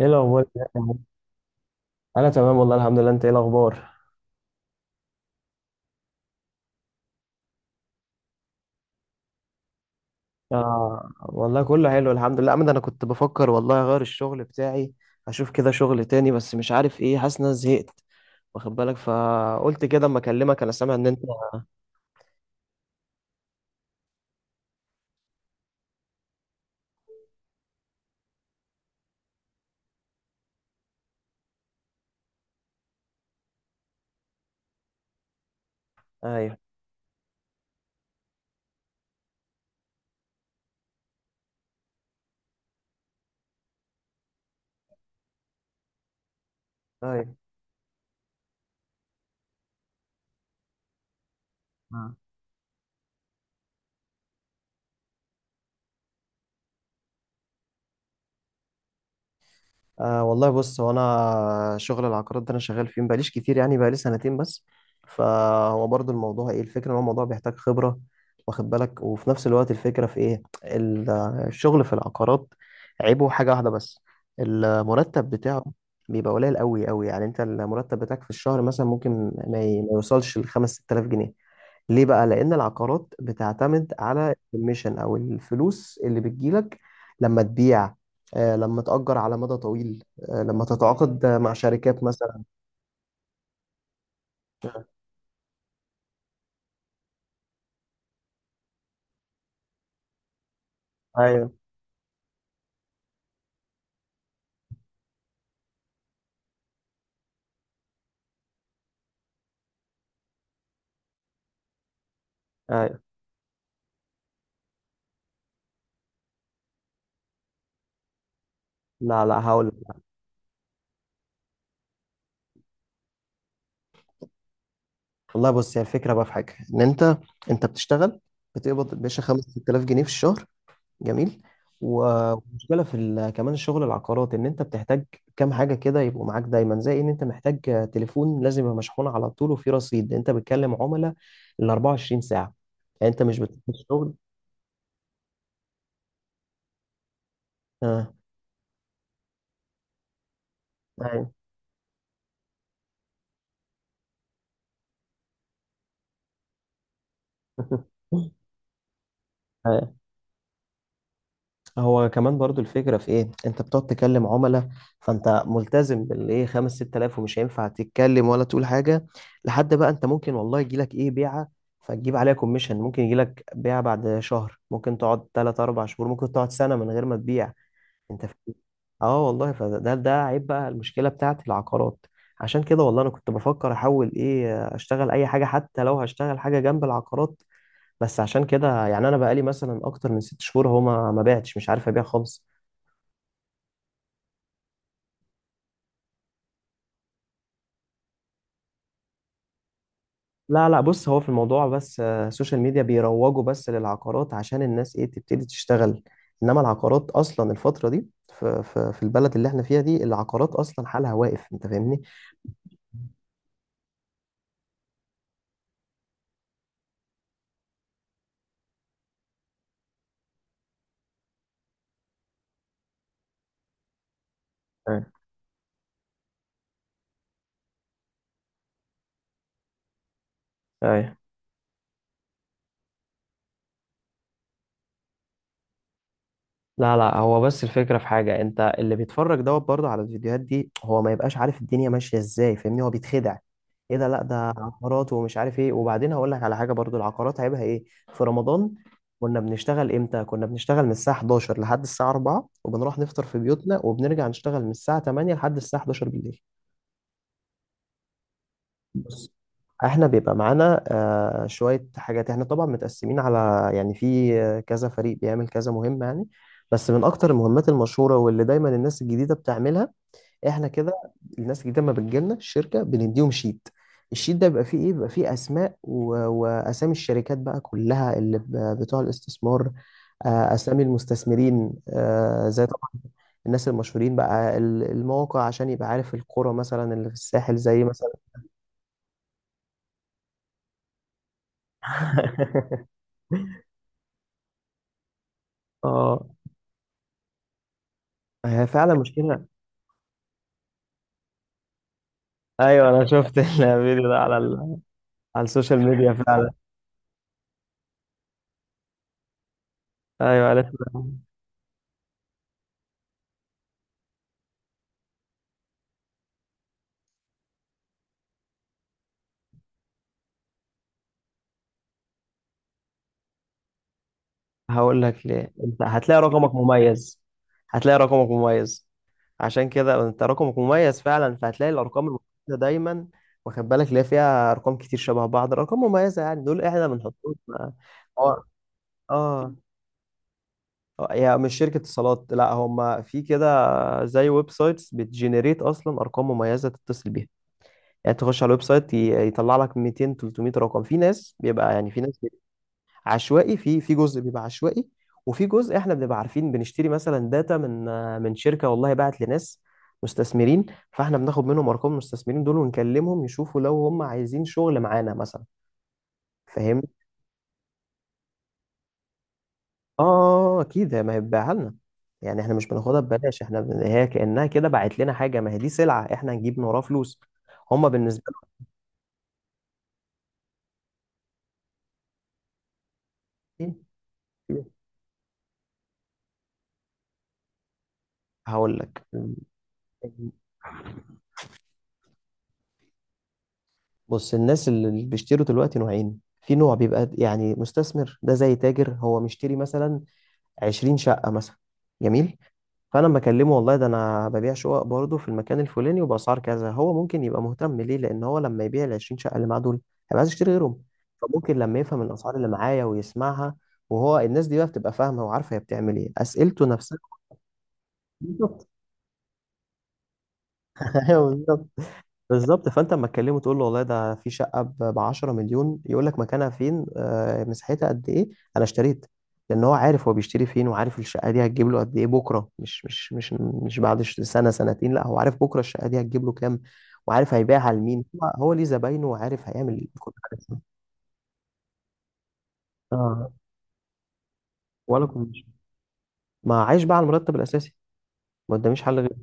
ايه الاخبار يا عم؟ انا تمام والله، الحمد لله. انت ايه الاخبار؟ آه والله كله حلو، الحمد لله. عمد انا كنت بفكر والله اغير الشغل بتاعي، اشوف كده شغل تاني، بس مش عارف ايه. حاسس ان انا زهقت، واخد بالك، فقلت كده اما اكلمك. انا سامع ان انت... ايوه، ايوه. آه والله بص، هو انا شغل العقارات ده انا شغال فيه مبقاليش كتير، يعني بقالي سنتين بس. فهو برضو الموضوع، ايه الفكره، ان هو الموضوع بيحتاج خبره، واخد بالك، وفي نفس الوقت الفكره في ايه الشغل في العقارات عيبه حاجه واحده بس، المرتب بتاعه بيبقى قليل قوي قوي. يعني انت المرتب بتاعك في الشهر مثلا ممكن ما يوصلش ل 5 6000 جنيه. ليه بقى؟ لأن العقارات بتعتمد على الكوميشن أو الفلوس اللي بتجيلك لما تبيع، لما تأجر على مدى طويل، لما تتعاقد مع شركات مثلا. ايوه، ايوه. لا، لا، هقول لك. والله بص، هي الفكرة بقى في حاجة، إن أنت بتشتغل، بتقبض يا باشا 5000 جنيه في الشهر. جميل. مم. ومشكلة في كمان الشغل العقارات ان انت بتحتاج كام حاجة كده يبقوا معاك دايما، زي ان انت محتاج تليفون لازم يبقى مشحون على طول وفيه رصيد، انت بتكلم عملاء ال 24 ساعة. يعني انت مش بتروح الشغل. اه، ايوه. هو كمان برضو الفكرة في ايه، انت بتقعد تكلم عملاء، فانت ملتزم بالايه خمس ست الاف، ومش هينفع تتكلم ولا تقول حاجة لحد بقى انت ممكن والله يجيلك ايه بيعة، فتجيب عليها كوميشن. ممكن يجيلك بيعة بعد شهر، ممكن تقعد تلات اربع شهور، ممكن تقعد سنة من غير ما تبيع. انت فاهم؟ اه والله، فده عيب بقى، المشكلة بتاعت العقارات. عشان كده والله انا كنت بفكر احول، ايه، اشتغل اي حاجة، حتى لو هشتغل حاجة جنب العقارات. بس عشان كده يعني، انا بقالي مثلا اكتر من 6 شهور هو ما بعتش، مش عارف ابيع خالص. لا، لا، بص هو في الموضوع بس السوشيال ميديا بيروجوا بس للعقارات عشان الناس، ايه، تبتدي تشتغل. انما العقارات اصلا الفترة دي، في البلد اللي احنا فيها دي العقارات اصلا حالها واقف، انت فاهمني. اي، اي. لا، لا، هو بس الفكرة في حاجة، انت اللي بيتفرج دوت برضه على الفيديوهات دي هو ما يبقاش عارف الدنيا ماشية ازاي، فاهمني، هو بيتخدع. ايه ده؟ لا، ده عقارات ومش عارف ايه. وبعدين هقول لك على حاجة برضه، العقارات عيبها ايه؟ في رمضان كنا بنشتغل امتى؟ كنا بنشتغل من الساعة 11 لحد الساعة 4، وبنروح نفطر في بيوتنا، وبنرجع نشتغل من الساعة 8 لحد الساعة 11 بالليل. بص، احنا بيبقى معانا شوية حاجات، احنا طبعا متقسمين على، يعني، في كذا فريق بيعمل كذا مهمة يعني. بس من اكتر المهمات المشهورة واللي دايما الناس الجديدة بتعملها احنا كده. الناس الجديدة ما بتجيلنا الشركة بنديهم شيت. الشيت ده بيبقى فيه ايه؟ بيبقى فيه اسماء واسامي الشركات بقى كلها اللي بتوع الاستثمار، اسامي المستثمرين، زي طبعا الناس المشهورين بقى المواقع، عشان يبقى عارف القرى مثلا اللي في الساحل، زي مثلا. اه، هي فعلا مشكلة. ايوه، انا شفت الفيديو ده على على السوشيال ميديا فعلا. ايوه، عرفت. هقول لك ليه، انت هتلاقي رقمك مميز. هتلاقي رقمك مميز عشان كده انت رقمك مميز فعلا، فهتلاقي الارقام المميزة دايما، واخد بالك، اللي هي فيها ارقام كتير شبه بعض، ارقام مميزة يعني. دول احنا بنحطهم هو- اه، اه، هي مش شركة اتصالات، لا هم في كده، زي ويب سايتس بتجنريت اصلا ارقام مميزة تتصل بيها. يعني تخش على الويب سايت، يطلع لك 200 300 رقم. في ناس بيبقى، يعني في ناس بيبقى عشوائي، في جزء بيبقى عشوائي، وفي جزء احنا بنبقى عارفين بنشتري مثلا داتا من شركه والله باعت لناس مستثمرين، فاحنا بناخد منهم ارقام المستثمرين دول ونكلمهم يشوفوا لو هم عايزين شغل معانا مثلا، فاهمني. اه، اكيد، ما هي بتبيعها لنا، يعني احنا مش بناخدها ببلاش، احنا هي كانها كده باعت لنا حاجه، ما هي دي سلعه احنا هنجيب من وراها فلوس. هم بالنسبه لهم، إيه؟ هقول لك. بص الناس اللي بيشتروا دلوقتي نوعين، في نوع بيبقى يعني مستثمر، ده زي تاجر، هو مشتري مثلا 20 شقة مثلا. جميل. فانا لما اكلمه والله ده انا ببيع شقق برضه في المكان الفلاني وباسعار كذا، هو ممكن يبقى مهتم، ليه؟ لان هو لما يبيع ال 20 شقة اللي معاه دول هيبقى عايز يشتري غيرهم، فممكن لما يفهم الاسعار اللي معايا ويسمعها. وهو الناس دي بقى بتبقى فاهمة وعارفة هي بتعمل ايه، اسئلته نفسها. بالظبط. بالظبط، فانت اما تكلمه تقول له والله ده في شقه ب 10 مليون، يقول لك مكانها فين، مساحتها قد ايه، انا اشتريت. لان هو عارف هو بيشتري فين، وعارف الشقه دي هتجيب له قد ايه بكره، مش بعد سنه سنتين. لا هو عارف بكره الشقه دي هتجيب له كام، وعارف هيبيعها لمين، هو ليه زباينه، وعارف هيعمل كل حاجه. اه. ولا كوميشن، ما عايش بقى على المرتب الاساسي، ما قداميش حل غير.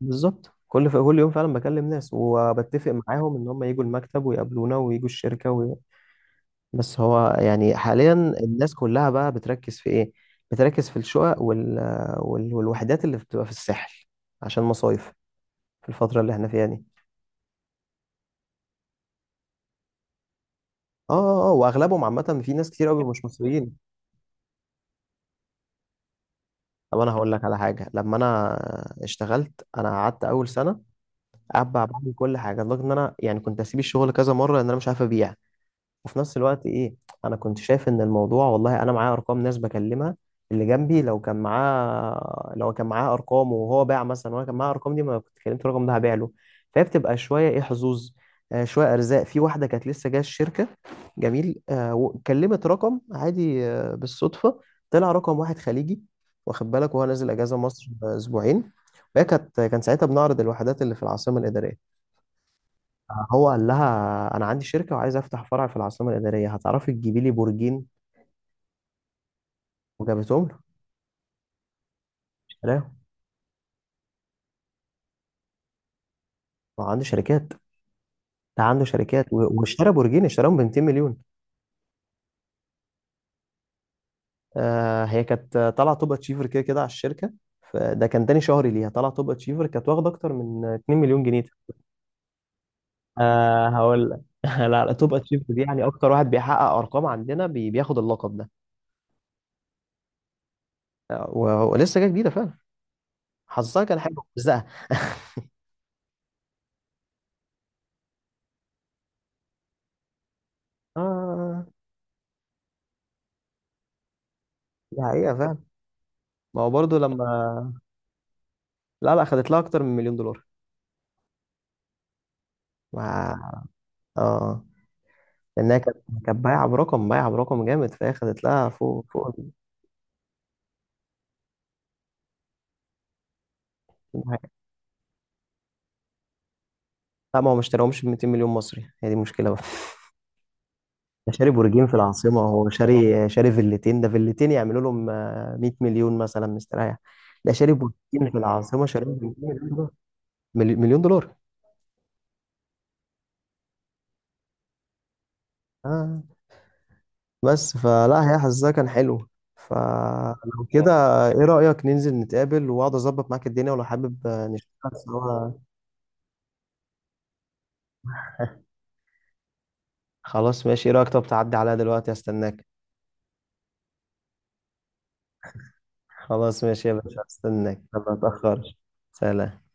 بالظبط، كل يوم فعلا بكلم ناس وبتفق معاهم ان هم يجوا المكتب ويقابلونا ويجوا الشركه. بس هو يعني حاليا الناس كلها بقى بتركز في ايه، بتركز في الشقق والوحدات اللي بتبقى في الساحل عشان مصايف في الفترة اللي احنا فيها دي. اه، اه، واغلبهم عامة، في ناس كتير قوي مش مصريين. طب انا هقول لك على حاجة. لما انا اشتغلت، انا قعدت اول سنة قاعد بقى بعمل كل حاجة، لدرجة ان انا يعني كنت اسيب الشغل كذا مرة لان انا مش عارف ابيع. وفي نفس الوقت ايه، انا كنت شايف ان الموضوع والله، انا معايا ارقام ناس بكلمها، اللي جنبي لو كان معاه ارقام وهو باع مثلا، وانا كان معايا ارقام دي، ما كنت كلمت الرقم ده هبيع له. فهي بتبقى شويه، ايه، حظوظ، شويه ارزاق. في واحده كانت لسه جايه الشركه، جميل، وكلمت رقم عادي، بالصدفه، طلع رقم واحد خليجي، واخد بالك، وهو نازل اجازه مصر اسبوعين. وهي كان ساعتها بنعرض الوحدات اللي في العاصمه الاداريه. هو قال لها: انا عندي شركه وعايز افتح فرع في العاصمه الاداريه، هتعرفي تجيبي لي برجين؟ وجابتهم له، اشتراهم. هو عنده شركات، ده عنده شركات واشترى برجين، اشتراهم ب 200 مليون. آه، هي كانت طالعه توب اتشيفر كده كده على الشركه. فده كان تاني شهري ليها طالعه توب اتشيفر، كانت واخده اكتر من 2 مليون جنيه. آه، هقول لك. لا، لا، توب اتشيفر دي يعني اكتر واحد بيحقق ارقام عندنا بياخد اللقب ده. ولسه جايه جديده فعلا، حظها كان حلو، بس اه، دي حقيقة فعلا. ما هو برضه لما... لا، لا، خدت لها اكتر من مليون دولار. ما... اه، لانها كانت بايعه برقم جامد، فهي خدت لها فوق فوق حاجه. لا ما هو ما اشتراهمش ب 200 مليون مصري، هي دي المشكله بقى. ده شاري برجين في العاصمه، هو شاري فيلتين، ده فيلتين يعملوا لهم 100 مليون مثلا مستريح. ده شاري برجين في العاصمه شاري ب 200 مليون دولار. مليون دولار. آه. بس فلا، هي حظها كان حلو، فلو كده. ايه رأيك ننزل نتقابل واقعد اظبط معاك الدنيا، ولو حابب نشتغل سوا. خلاص ماشي. ايه رأيك، طب تعدي عليا دلوقتي؟ استناك. خلاص ماشي يا باشا، استناك ما اتأخرش. سلام.